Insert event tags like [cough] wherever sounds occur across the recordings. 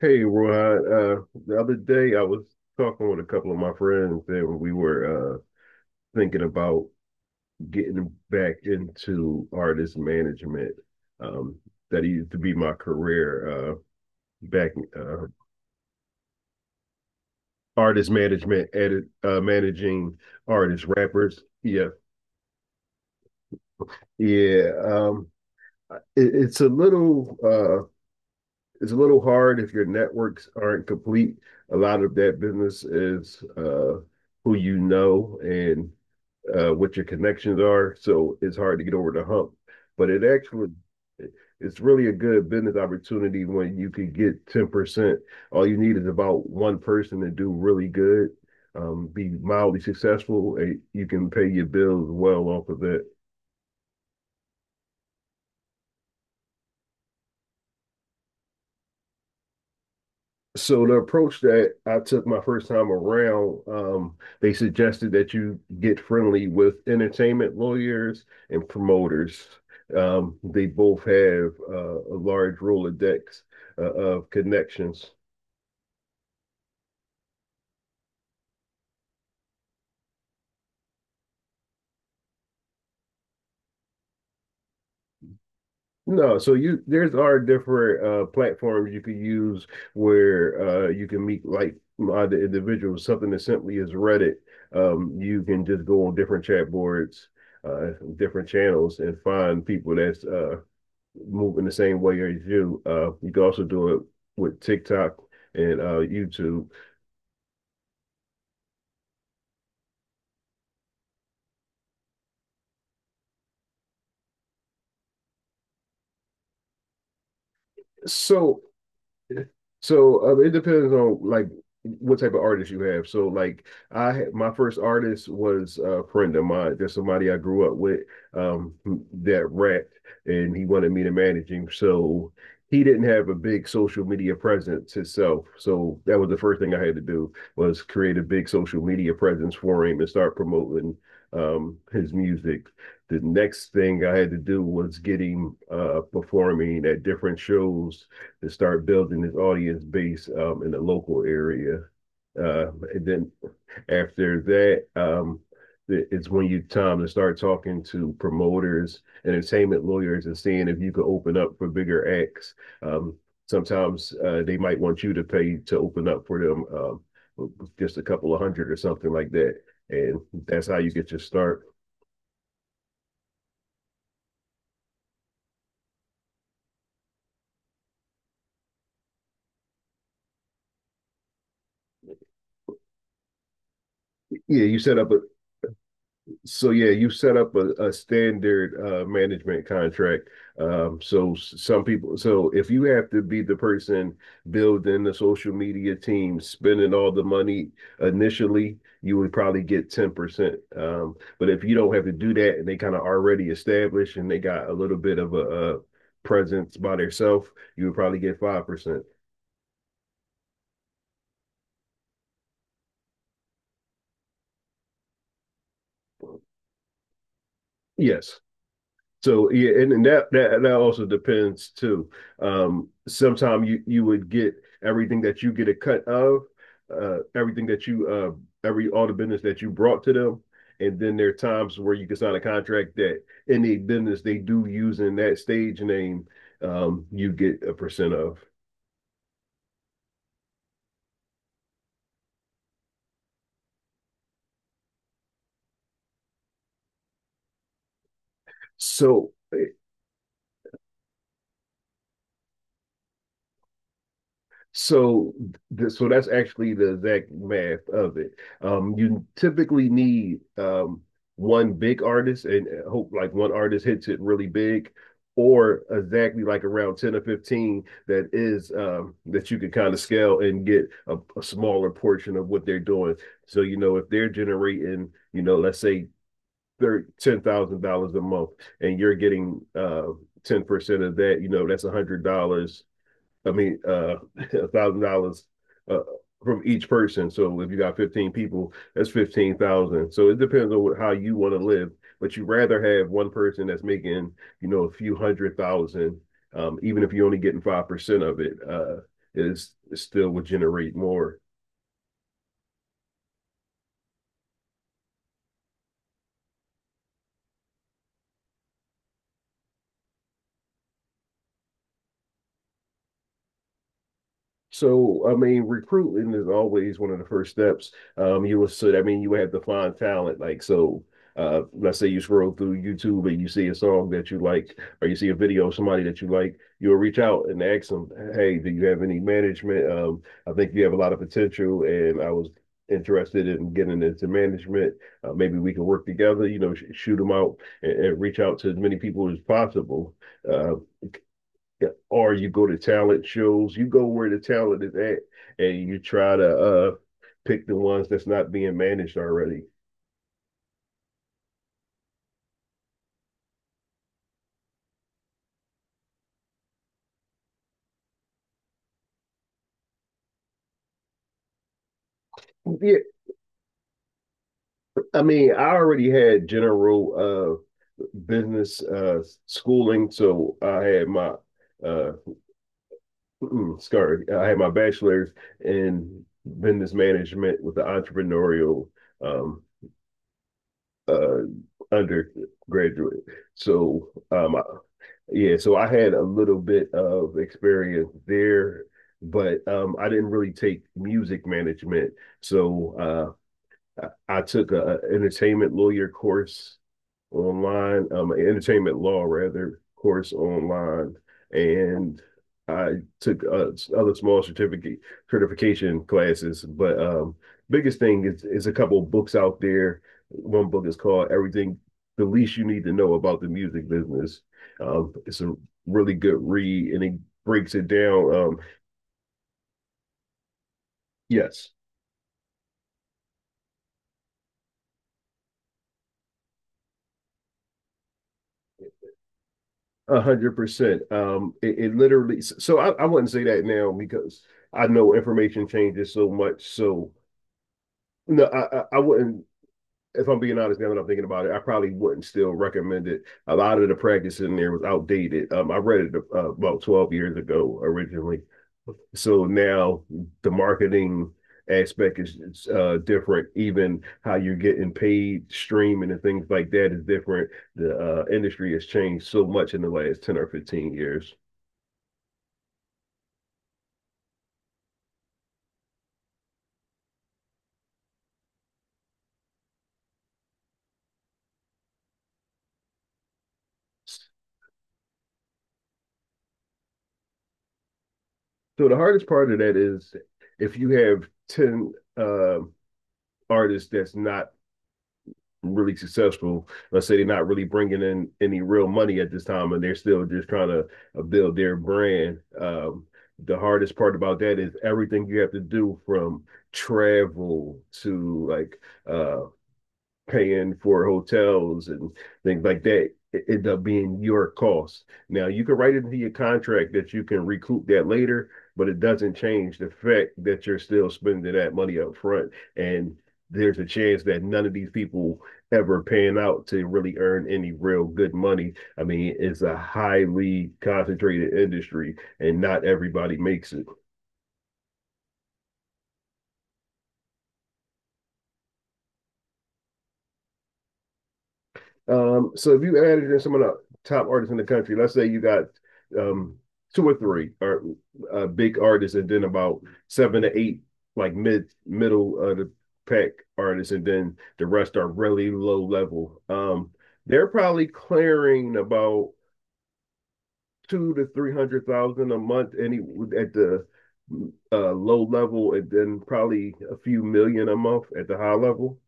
Hey, Rod. The other day I was talking with a couple of my friends and we were thinking about getting back into artist management. Um, that used to be my career back uh, artist management, edit, managing artists, rappers. Yeah, yeah. It's a little, it's a little hard if your networks aren't complete. A lot of that business is who you know and what your connections are. So it's hard to get over the hump. But it's really a good business opportunity when you could get 10%. All you need is about one person to do really good, be mildly successful, and you can pay your bills well off of that. So the approach that I took my first time around, they suggested that you get friendly with entertainment lawyers and promoters. They both have a large Rolodex of connections. No, so you there's are different platforms you could use where you can meet like-minded individuals. Something as simply as Reddit, you can just go on different chat boards, uh, different channels, and find people that's move in the same way as you. You can also do it with TikTok and YouTube. So So it depends on like what type of artist you have. So like my first artist was a friend of mine, just somebody I grew up with um that rapped and he wanted me to manage him. So he didn't have a big social media presence himself. So that was the first thing I had to do was create a big social media presence for him and start promoting his music. The next thing I had to do was get him performing at different shows to start building his audience base in the local area. And then after that, it's when you time to start talking to promoters, entertainment lawyers, and seeing if you could open up for bigger acts. Um, sometimes they might want you to pay to open up for them, just a couple of hundred or something like that, and that's how you get your start. Yeah, you set up a So yeah, you set up a standard management contract. So some people, so if you have to be the person building the social media team, spending all the money initially, you would probably get 10%. But if you don't have to do that and they kind of already established and they got a little bit of a, presence by themselves, you would probably get 5%. Yes. So yeah, and that also depends too. Sometimes you would get everything that you get a cut of, every all the business that you brought to them, and then there are times where you can sign a contract that any business they do using that stage name, you get a percent of. So So, so that's actually the exact math of it. You typically need one big artist, and hope like one artist hits it really big, or exactly like around 10 or 15 that is that you can kind of scale and get a smaller portion of what they're doing. So, you know, if they're generating, you know, let's say $10,000 a month, and you're getting 10% of that, you know, that's a hundred dollars I mean, [laughs] $1,000 uh, from each person. So if you got 15 people, that's 15,000. So it depends on how you want to live, but you rather have one person that's making, you know, a few hundred thousand, even if you're only getting 5% of it, is still would generate more. So, I mean, recruiting is always one of the first steps. So I mean, you have to find talent. Like, so, let's say you scroll through YouTube and you see a song that you like, or you see a video of somebody that you like, you'll reach out and ask them, "Hey, do you have any management? I think you have a lot of potential, and I was interested in getting into management. Maybe we can work together. You know, sh shoot them out and reach out to as many people as possible." Uh, yeah. Or you go to talent shows, you go where the talent is at, and you try to pick the ones that's not being managed already. Yeah, I mean, I already had general business schooling, so uh I had my bachelor's in business management with the entrepreneurial um uh undergraduate. So um Yeah, so I had a little bit of experience there, but I didn't really take music management. So I took a entertainment law rather course online, and I took other small certificate certification classes. But biggest thing is a couple of books out there. One book is called Everything the Least You Need to Know About the Music Business. It's a really good read, and it breaks it down. Yes, 100%. It, it literally. So I wouldn't say that now because I know information changes so much. So no, I wouldn't. If I'm being honest, now that I'm thinking about it, I probably wouldn't still recommend it. A lot of the practice in there was outdated. I read it about 12 years ago originally. So now the marketing aspect is different. Even how you're getting paid, streaming, and things like that is different. The industry has changed so much in the last 10 or 15 years. So the hardest part of that is if you have 10 artists that's not really successful, let's say they're not really bringing in any real money at this time, and they're still just trying to build their brand. The hardest part about that is everything you have to do from travel to like uh, paying for hotels and things like that it end up being your cost. Now you can write it into your contract that you can recoup that later, but it doesn't change the fact that you're still spending that money up front. And there's a chance that none of these people ever pan out to really earn any real good money. I mean, it's a highly concentrated industry and not everybody makes it. So if you added in some of the top artists in the country, let's say you got um two or three or big artists, and then about 7 to 8 like middle of the pack artists, and then the rest are really low level. They're probably clearing about two to three hundred thousand a month, any at the low level, and then probably a few million a month at the high level.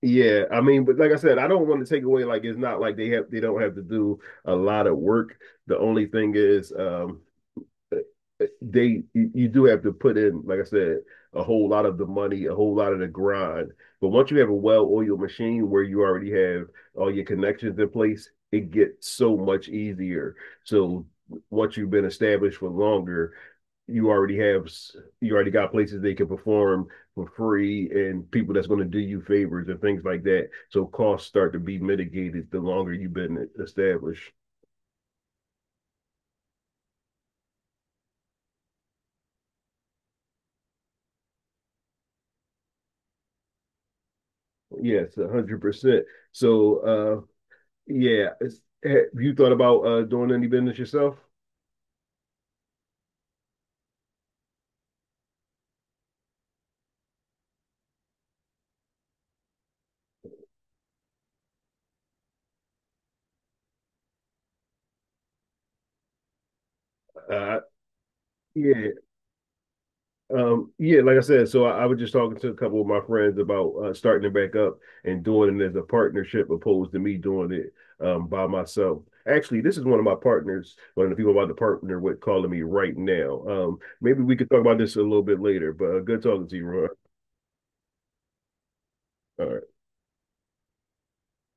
Yeah, I mean, but like I said, I don't want to take away like it's not like they have they don't have to do a lot of work. The only thing is eh, eh, they you you do have to put in, like I said, a whole lot of the money, a whole lot of the grind. But once you have a well-oiled machine where you already have all your connections in place, it gets so much easier. So once you've been established for longer, you already have you already got places they can perform for free and people that's going to do you favors and things like that. So costs start to be mitigated the longer you've been established. Yes, 100%. So yeah, it's, have you thought about doing any business yourself? Uh yeah, yeah, like I said, so I was just talking to a couple of my friends about starting it back up and doing it as a partnership opposed to me doing it by myself. Actually, this is one of my partners, one of the people I'm about to partner with calling me right now. Maybe we could talk about this a little bit later, but good talking to you, Ron. All right.